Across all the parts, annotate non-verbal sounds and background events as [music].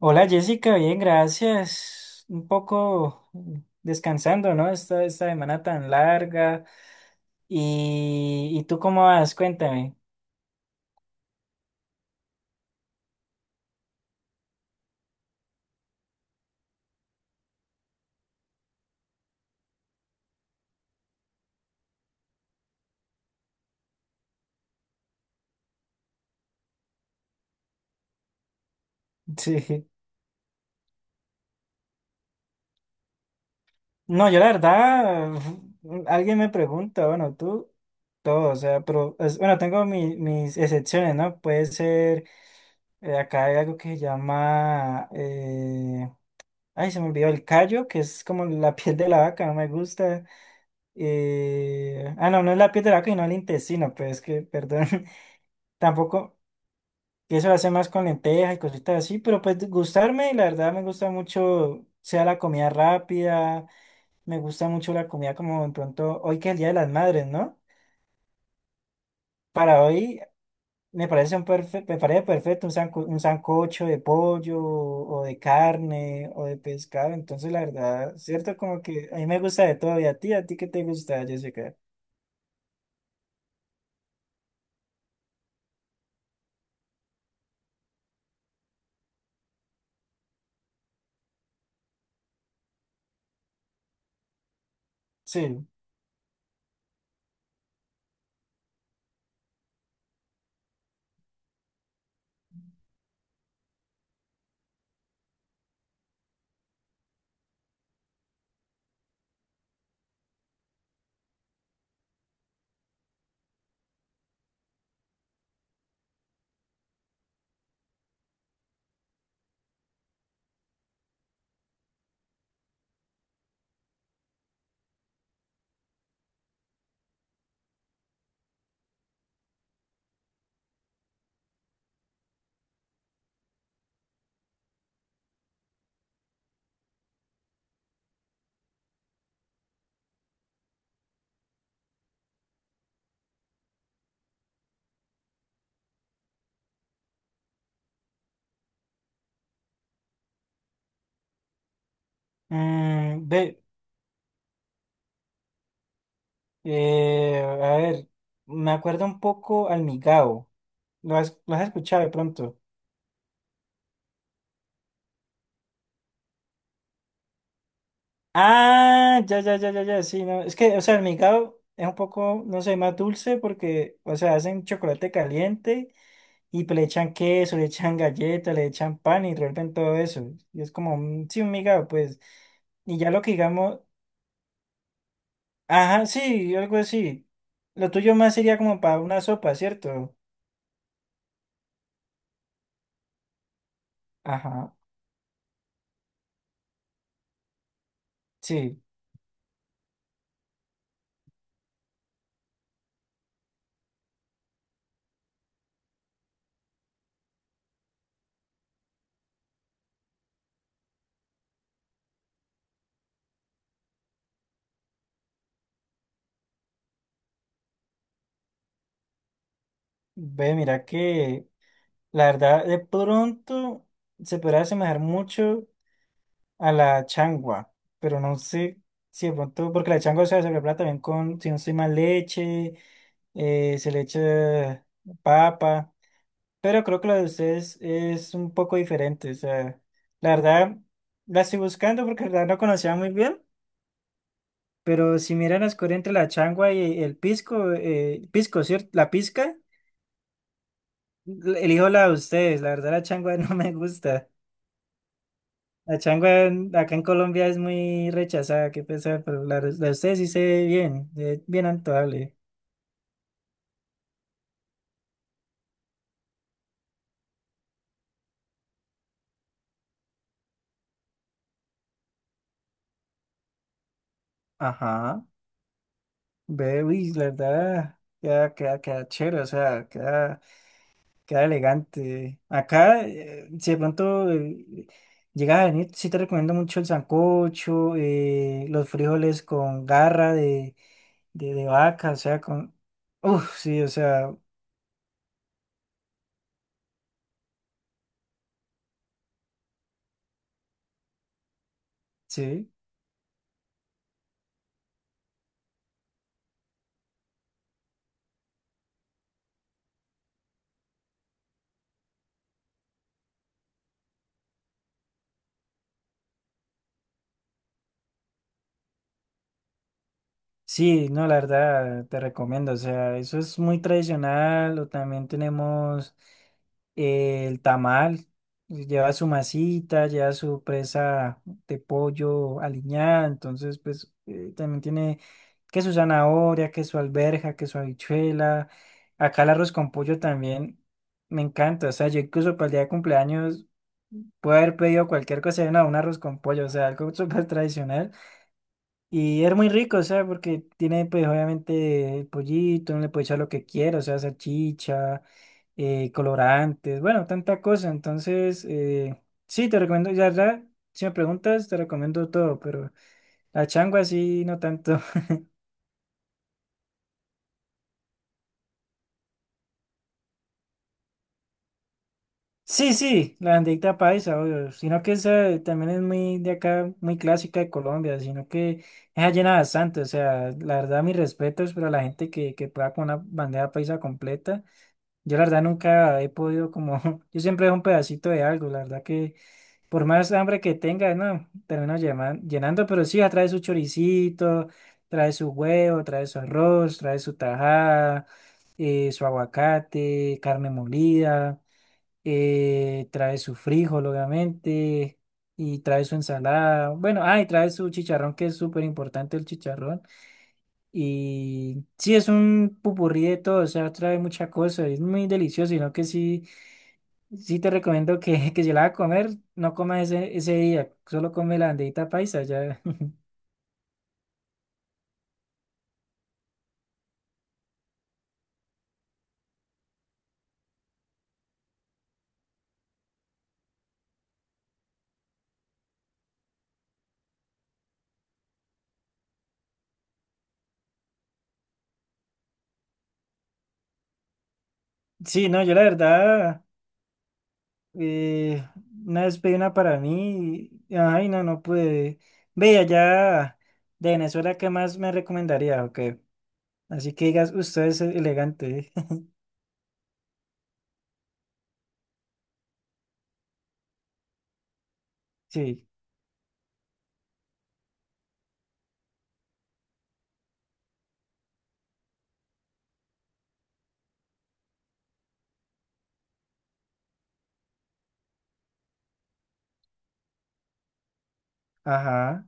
Hola Jessica, bien, gracias. Un poco descansando, ¿no? Esta semana tan larga. ¿Y tú cómo vas? Cuéntame. [laughs] Sí. No, yo la verdad, [laughs] alguien me pregunta, bueno, tú, todo, o sea, pero, bueno, tengo mis excepciones, ¿no? Puede ser, acá hay algo que se llama, ay, se me olvidó, el callo, que es como la [laughs] piel de la vaca, no me gusta. No, no es la piel de la vaca, no el intestino, pues es que, perdón, [laughs] tampoco, y eso lo hace más con lentejas y cositas así, pero pues gustarme, la verdad me gusta mucho, sea la comida rápida, me gusta mucho la comida como de pronto, hoy que es el Día de las Madres, ¿no? Para hoy me parece perfecto un, un sancocho de pollo o de carne o de pescado, entonces la verdad, ¿cierto? Como que a mí me gusta de todo, y ¿a ti qué te gusta, Jessica? Sí. Mm, ve. A ver, me acuerdo un poco al Migao. Lo has escuchado de pronto? Ah, sí, no. Es que, o sea, el Migao es un poco, no sé, más dulce porque, o sea, hacen chocolate caliente y pues le echan queso, le echan galleta, le echan pan y revuelven todo eso. Y es como, sí, un Migao, pues. Y ya lo que digamos, ajá, sí, algo así. Lo tuyo más sería como para una sopa, ¿cierto? Ajá, sí. Ve, mira que la verdad, de pronto se podrá asemejar mucho a la changua, pero no sé si de pronto, porque la changua, o sea, se prepara también con, si no estoy mal, leche, se le echa papa, pero creo que la de ustedes es un poco diferente, o sea, la verdad, la estoy buscando porque la verdad no conocía muy bien, pero si miran la escoria entre la changua y el pisco, ¿cierto? La pizca, elijo la de ustedes, la verdad la changua [laughs] no me gusta. La acá en Colombia es muy rechazada, qué pesar, pero la de usted sí se ve bien antojable. Ajá, ve, uy, la verdad, queda chévere, o sea, queda, queda elegante. Acá, si de pronto llegas a venir, sí te recomiendo mucho el sancocho, los frijoles con garra de vaca, o sea, con... Uf, sí, o sea, sí. Sí, no, la verdad, te recomiendo. O sea, eso es muy tradicional. O también tenemos el tamal. Lleva su masita, lleva su presa de pollo aliñada. Entonces, pues, también tiene que su zanahoria, que su alberja, que su habichuela. Acá el arroz con pollo también me encanta. O sea, yo incluso para el día de cumpleaños puedo haber pedido cualquier cosa. No, un arroz con pollo, o sea, algo [laughs] súper tradicional. Y es muy rico, o sea, porque tiene, pues, obviamente, el pollito, uno le puede echar lo que quiera, o sea, salchicha, colorantes, bueno, tanta cosa. Entonces, sí, te recomiendo, si me preguntas, te recomiendo todo, pero la changua sí, no tanto. [laughs] Sí, sí, la bandeita paisa, obvio, sino que esa también es muy de acá, muy clásica de Colombia, sino que esa llena bastante, o sea, la verdad, mis respetos para la gente que pueda con una bandeja paisa completa. Yo la verdad nunca he podido como, [laughs] yo siempre dejo un pedacito de algo, la verdad que por más hambre que tenga, no, termino llenando, pero sí, trae su choricito, trae su huevo, trae su arroz, trae su tajada, su aguacate, carne molida, trae su frijol, obviamente, y trae su ensalada, bueno, ah, y trae su chicharrón, que es súper importante el chicharrón. Y sí, es un pupurrí de todo, o sea, trae mucha cosa, es muy delicioso, sino que sí. Sí te recomiendo que, [laughs] que si la vas a comer, no comas ese día, solo come la banderita paisa ya. [laughs] Sí, no, yo la verdad, eh, una vez pedí una para mí, y- ay no, no pude. Ve allá de Venezuela, ¿qué más me recomendaría? Ok, así que digas, usted es elegante. [laughs] Sí, ajá,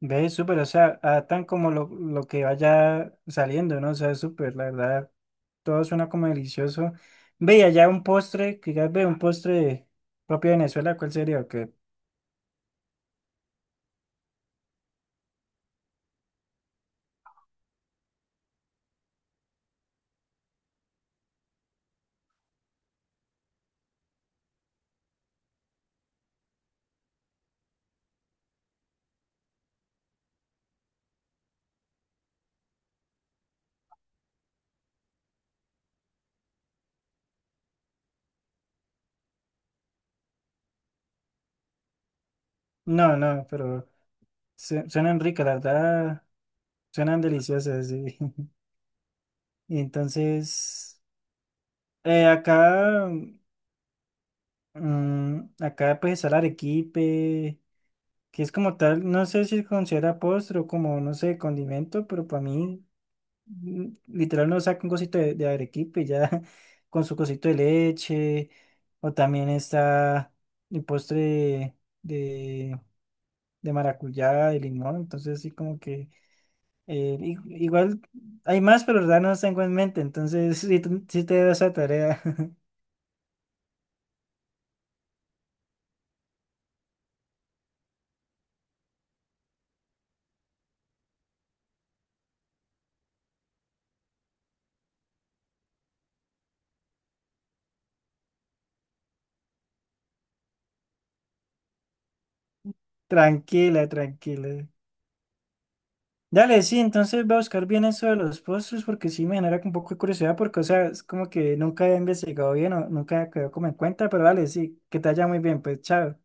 ve, súper, o sea, adaptan como lo que vaya saliendo, ¿no? O sea, súper, la verdad. Todo suena como delicioso. Ve, y allá un postre, quizás ve un propio de Venezuela, ¿cuál sería? Que no, no, pero suenan ricas, la verdad, suenan deliciosas, sí. [laughs] Y entonces, acá, mm, acá pues está el arequipe, que es como tal, no sé si se considera postre o como, no sé, condimento, pero para mí mm, literal nos saca un cosito de arequipe y ya [laughs] con su cosito de leche. O también está el postre de, de maracuyá, de limón. Entonces sí como que eh, i- igual hay más, pero la verdad no los tengo en mente. Entonces [laughs] sí, sí te doy esa tarea. [laughs] Tranquila, tranquila. Dale, sí, entonces voy a buscar bien eso de los postres porque sí me genera un poco de curiosidad porque, o sea, es como que nunca he investigado bien o nunca he quedado como en cuenta, pero dale, sí, que te haya muy bien, pues chao.